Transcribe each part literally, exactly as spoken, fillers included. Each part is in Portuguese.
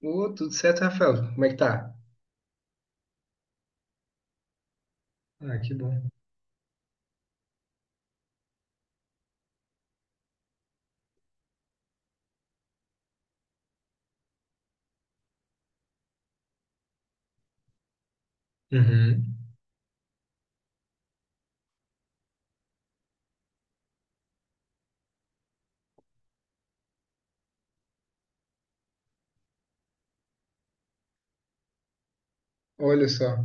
Ô, tudo certo, Rafael? Como é que tá? Ah, que bom. Uhum. Olha só.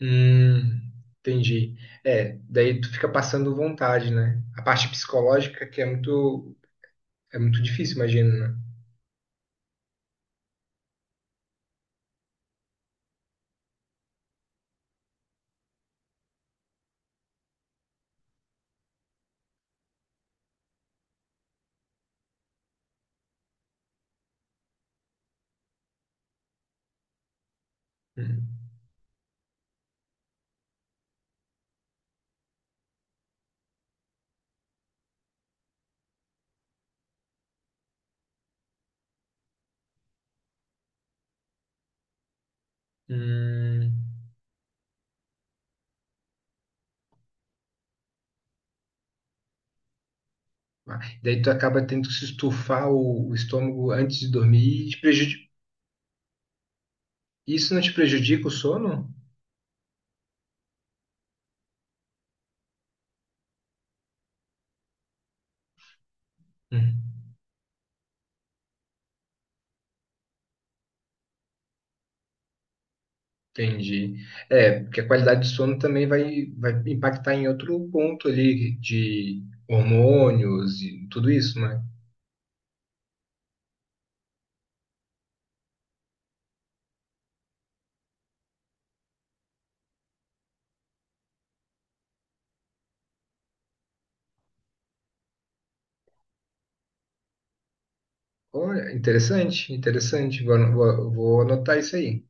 Hum. Entendi. É, daí tu fica passando vontade, né? A parte psicológica que é muito, é muito difícil, imagino, né? Hum, hum. Ah, Daí tu acaba tendo que se estufar o, o estômago antes de dormir e te prejudica. Isso não te prejudica o sono? Hum. Entendi. É, porque a qualidade de sono também vai, vai impactar em outro ponto ali de hormônios e tudo isso, né? Olha, interessante, interessante. Vou, ano- vou, vou anotar isso aí.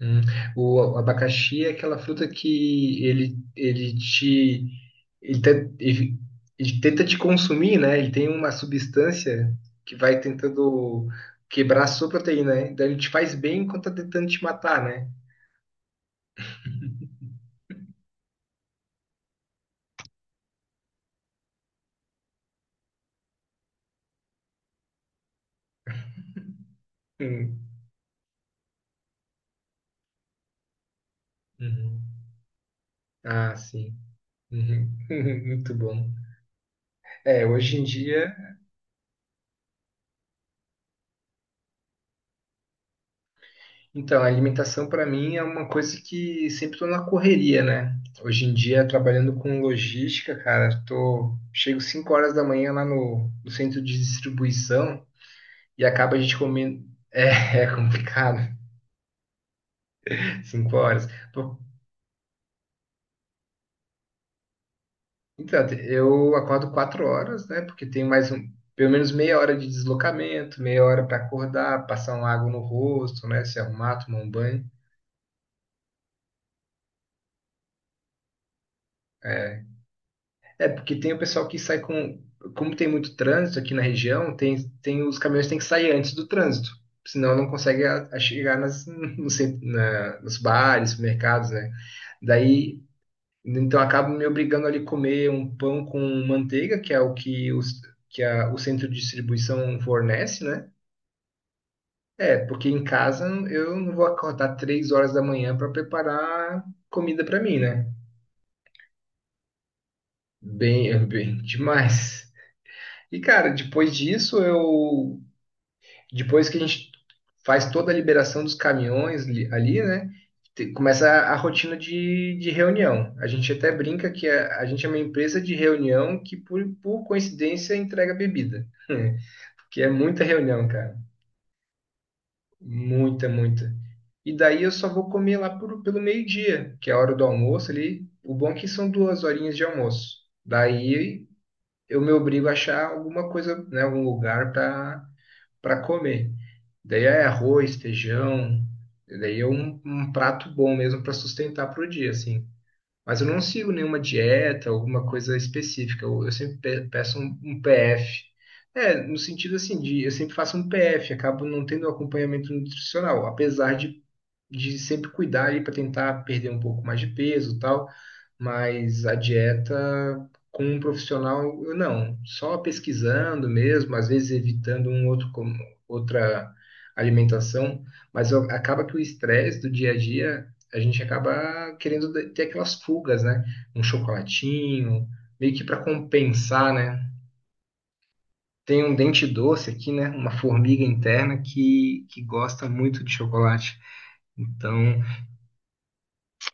Hum. O abacaxi é aquela fruta que ele, ele te ele, te- ele- ele tenta te consumir, né? Ele tem uma substância que vai tentando quebrar a sua proteína, né? Então ele te faz bem enquanto tá tentando te matar, né? Hum. Uhum. Ah, sim. Uhum. Muito bom. É, hoje em dia, então, a alimentação para mim é uma coisa que sempre tô na correria, né? Hoje em dia, trabalhando com logística, cara, tô, chego cinco horas da manhã lá no, no centro de distribuição e acaba a gente comendo. É, é complicado, cinco horas. Pô, Então, eu acordo quatro horas, né? Porque tem mais um, pelo menos meia hora de deslocamento, meia hora para acordar, passar uma água no rosto, né? Se arrumar, tomar um banho. É, É, porque tem o pessoal que sai com. Como tem muito trânsito aqui na região, tem, tem os caminhões têm que sair antes do trânsito. Senão não consegue a- a chegar nas, no cent- na- nos bares, supermercados, né? Daí, então acabo me obrigando ali a comer um pão com manteiga, que é o que, os, que a, o centro de distribuição fornece, né? É, porque em casa eu não vou acordar três horas da manhã para preparar comida para mim, né? Bem, é bem demais. E, cara, depois disso, eu. Depois que a gente faz toda a liberação dos caminhões li- ali, né? te- Começa a, a rotina de, de reunião. A gente até brinca que a, a gente é uma empresa de reunião que, por, por coincidência, entrega bebida. Que é muita reunião, cara. Muita, muita. E daí eu só vou comer lá por- pelo meio-dia, que é a hora do almoço ali. O bom é que são duas horinhas de almoço. Daí eu me obrigo a achar alguma coisa, né, algum lugar para para comer. Daí é arroz, feijão, daí é um, um prato bom mesmo para sustentar pro dia, assim. Mas eu não sigo nenhuma dieta, alguma coisa específica. Eu, eu sempre pe- peço um, um P F. É, no sentido assim de eu sempre faço um P F, acabo não tendo acompanhamento nutricional, apesar de de sempre cuidar aí para tentar perder um pouco mais de peso e tal, mas a dieta com um profissional, eu não, só pesquisando mesmo, às vezes evitando um outro com- outra alimentação, mas eu- acaba que o estresse do dia a dia, a gente acaba querendo de- ter aquelas fugas, né? Um chocolatinho, meio que para compensar, né? Tem um dente doce aqui, né? Uma formiga interna que, que gosta muito de chocolate. Então,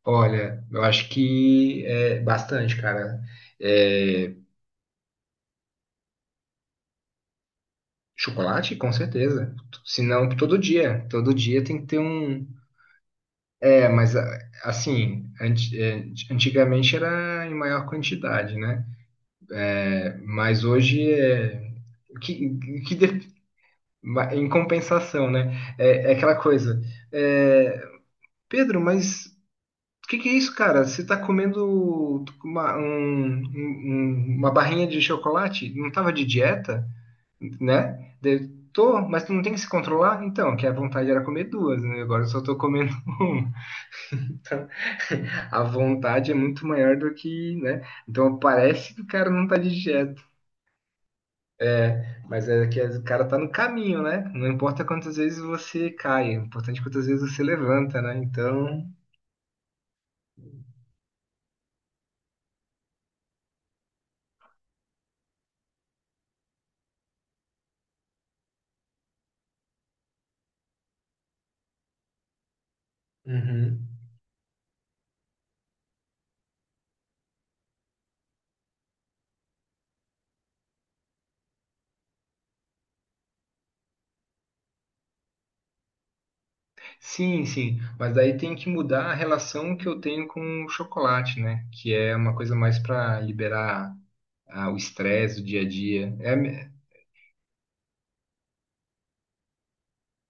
Olha, eu acho que é bastante, cara. É, chocolate, com certeza. Se não, todo dia. Todo dia tem que ter um. É, mas a- assim, anti- é, antigamente era em maior quantidade, né? É, Mas hoje é. Que, que de- ma- Em compensação, né? É, é aquela coisa. é, Pedro, mas o que que é isso, cara? Você tá comendo uma, um- um- uma barrinha de chocolate? Não tava de dieta, né? Daí, eu, tô, mas tu não tem que se controlar? Então, que a vontade era comer duas, né? Agora eu só tô comendo uma. Então, a vontade é muito maior do que, né? Então parece que o cara não tá de dieta, mas é que o cara tá no caminho, né? Não importa quantas vezes você cai, é importante quantas vezes você levanta, né? Então, Uhum. Sim, sim, mas daí tem que mudar a relação que eu tenho com o chocolate, né? Que é uma coisa mais para liberar ah, o estresse do dia a dia. É,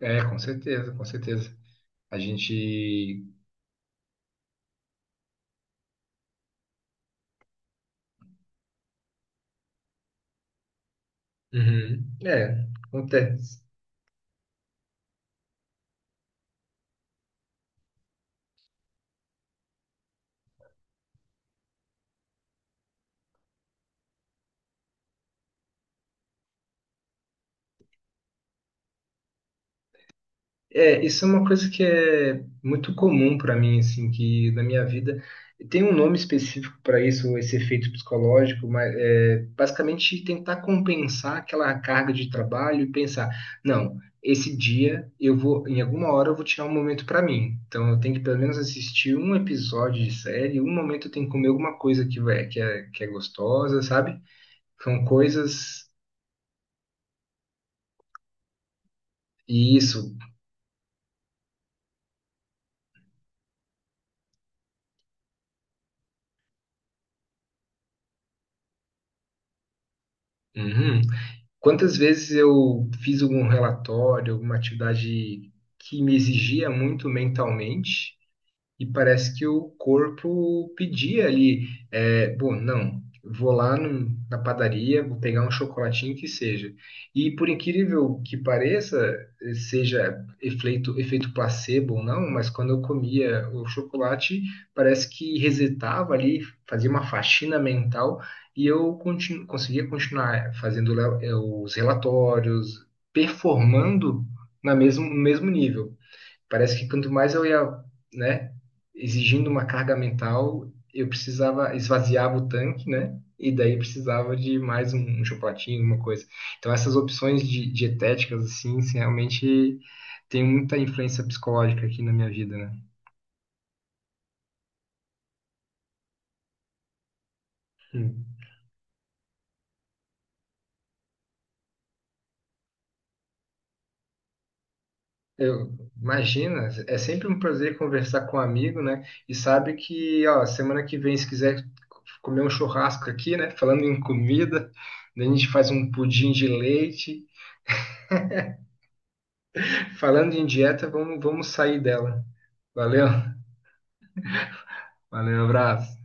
É, com certeza, com certeza. A gente. Uhum. É, acontece. É, isso é uma coisa que é muito comum para mim, assim, que na minha vida. Tem um nome específico para isso, esse efeito psicológico, mas é, basicamente tentar compensar aquela carga de trabalho e pensar, não, esse dia eu vou, em alguma hora eu vou tirar um momento para mim. Então eu tenho que pelo menos assistir um episódio de série, um momento eu tenho que comer alguma coisa que, vai, que, é, que é gostosa, sabe? São coisas. E isso. Uhum. Quantas vezes eu fiz algum relatório, alguma atividade que me exigia muito mentalmente, E parece que o corpo pedia ali, é, bom, não, vou lá no- na padaria, vou pegar um chocolatinho que seja. E por incrível que pareça, eh, seja efeito, efeito placebo ou não, mas quando eu comia o chocolate, parece que resetava ali, fazia uma faxina mental e eu continu, conseguia continuar fazendo le- eh, os relatórios, performando na mesmo, no mesmo nível. Parece que quanto mais eu ia, né, exigindo uma carga mental, eu precisava esvaziava o tanque, né? E daí precisava de mais um, um chocolatinho, alguma coisa. Então essas opções de, dietéticas assim, assim, realmente tem muita influência psicológica aqui na minha vida, né? Hum. Eu, imagina, é sempre um prazer conversar com um amigo, né? E sabe que, ó, semana que vem, se quiser comer um churrasco aqui, né? Falando em comida, daí a gente faz um pudim de leite, Falando em dieta, vamos, vamos sair dela. Valeu, valeu, abraço.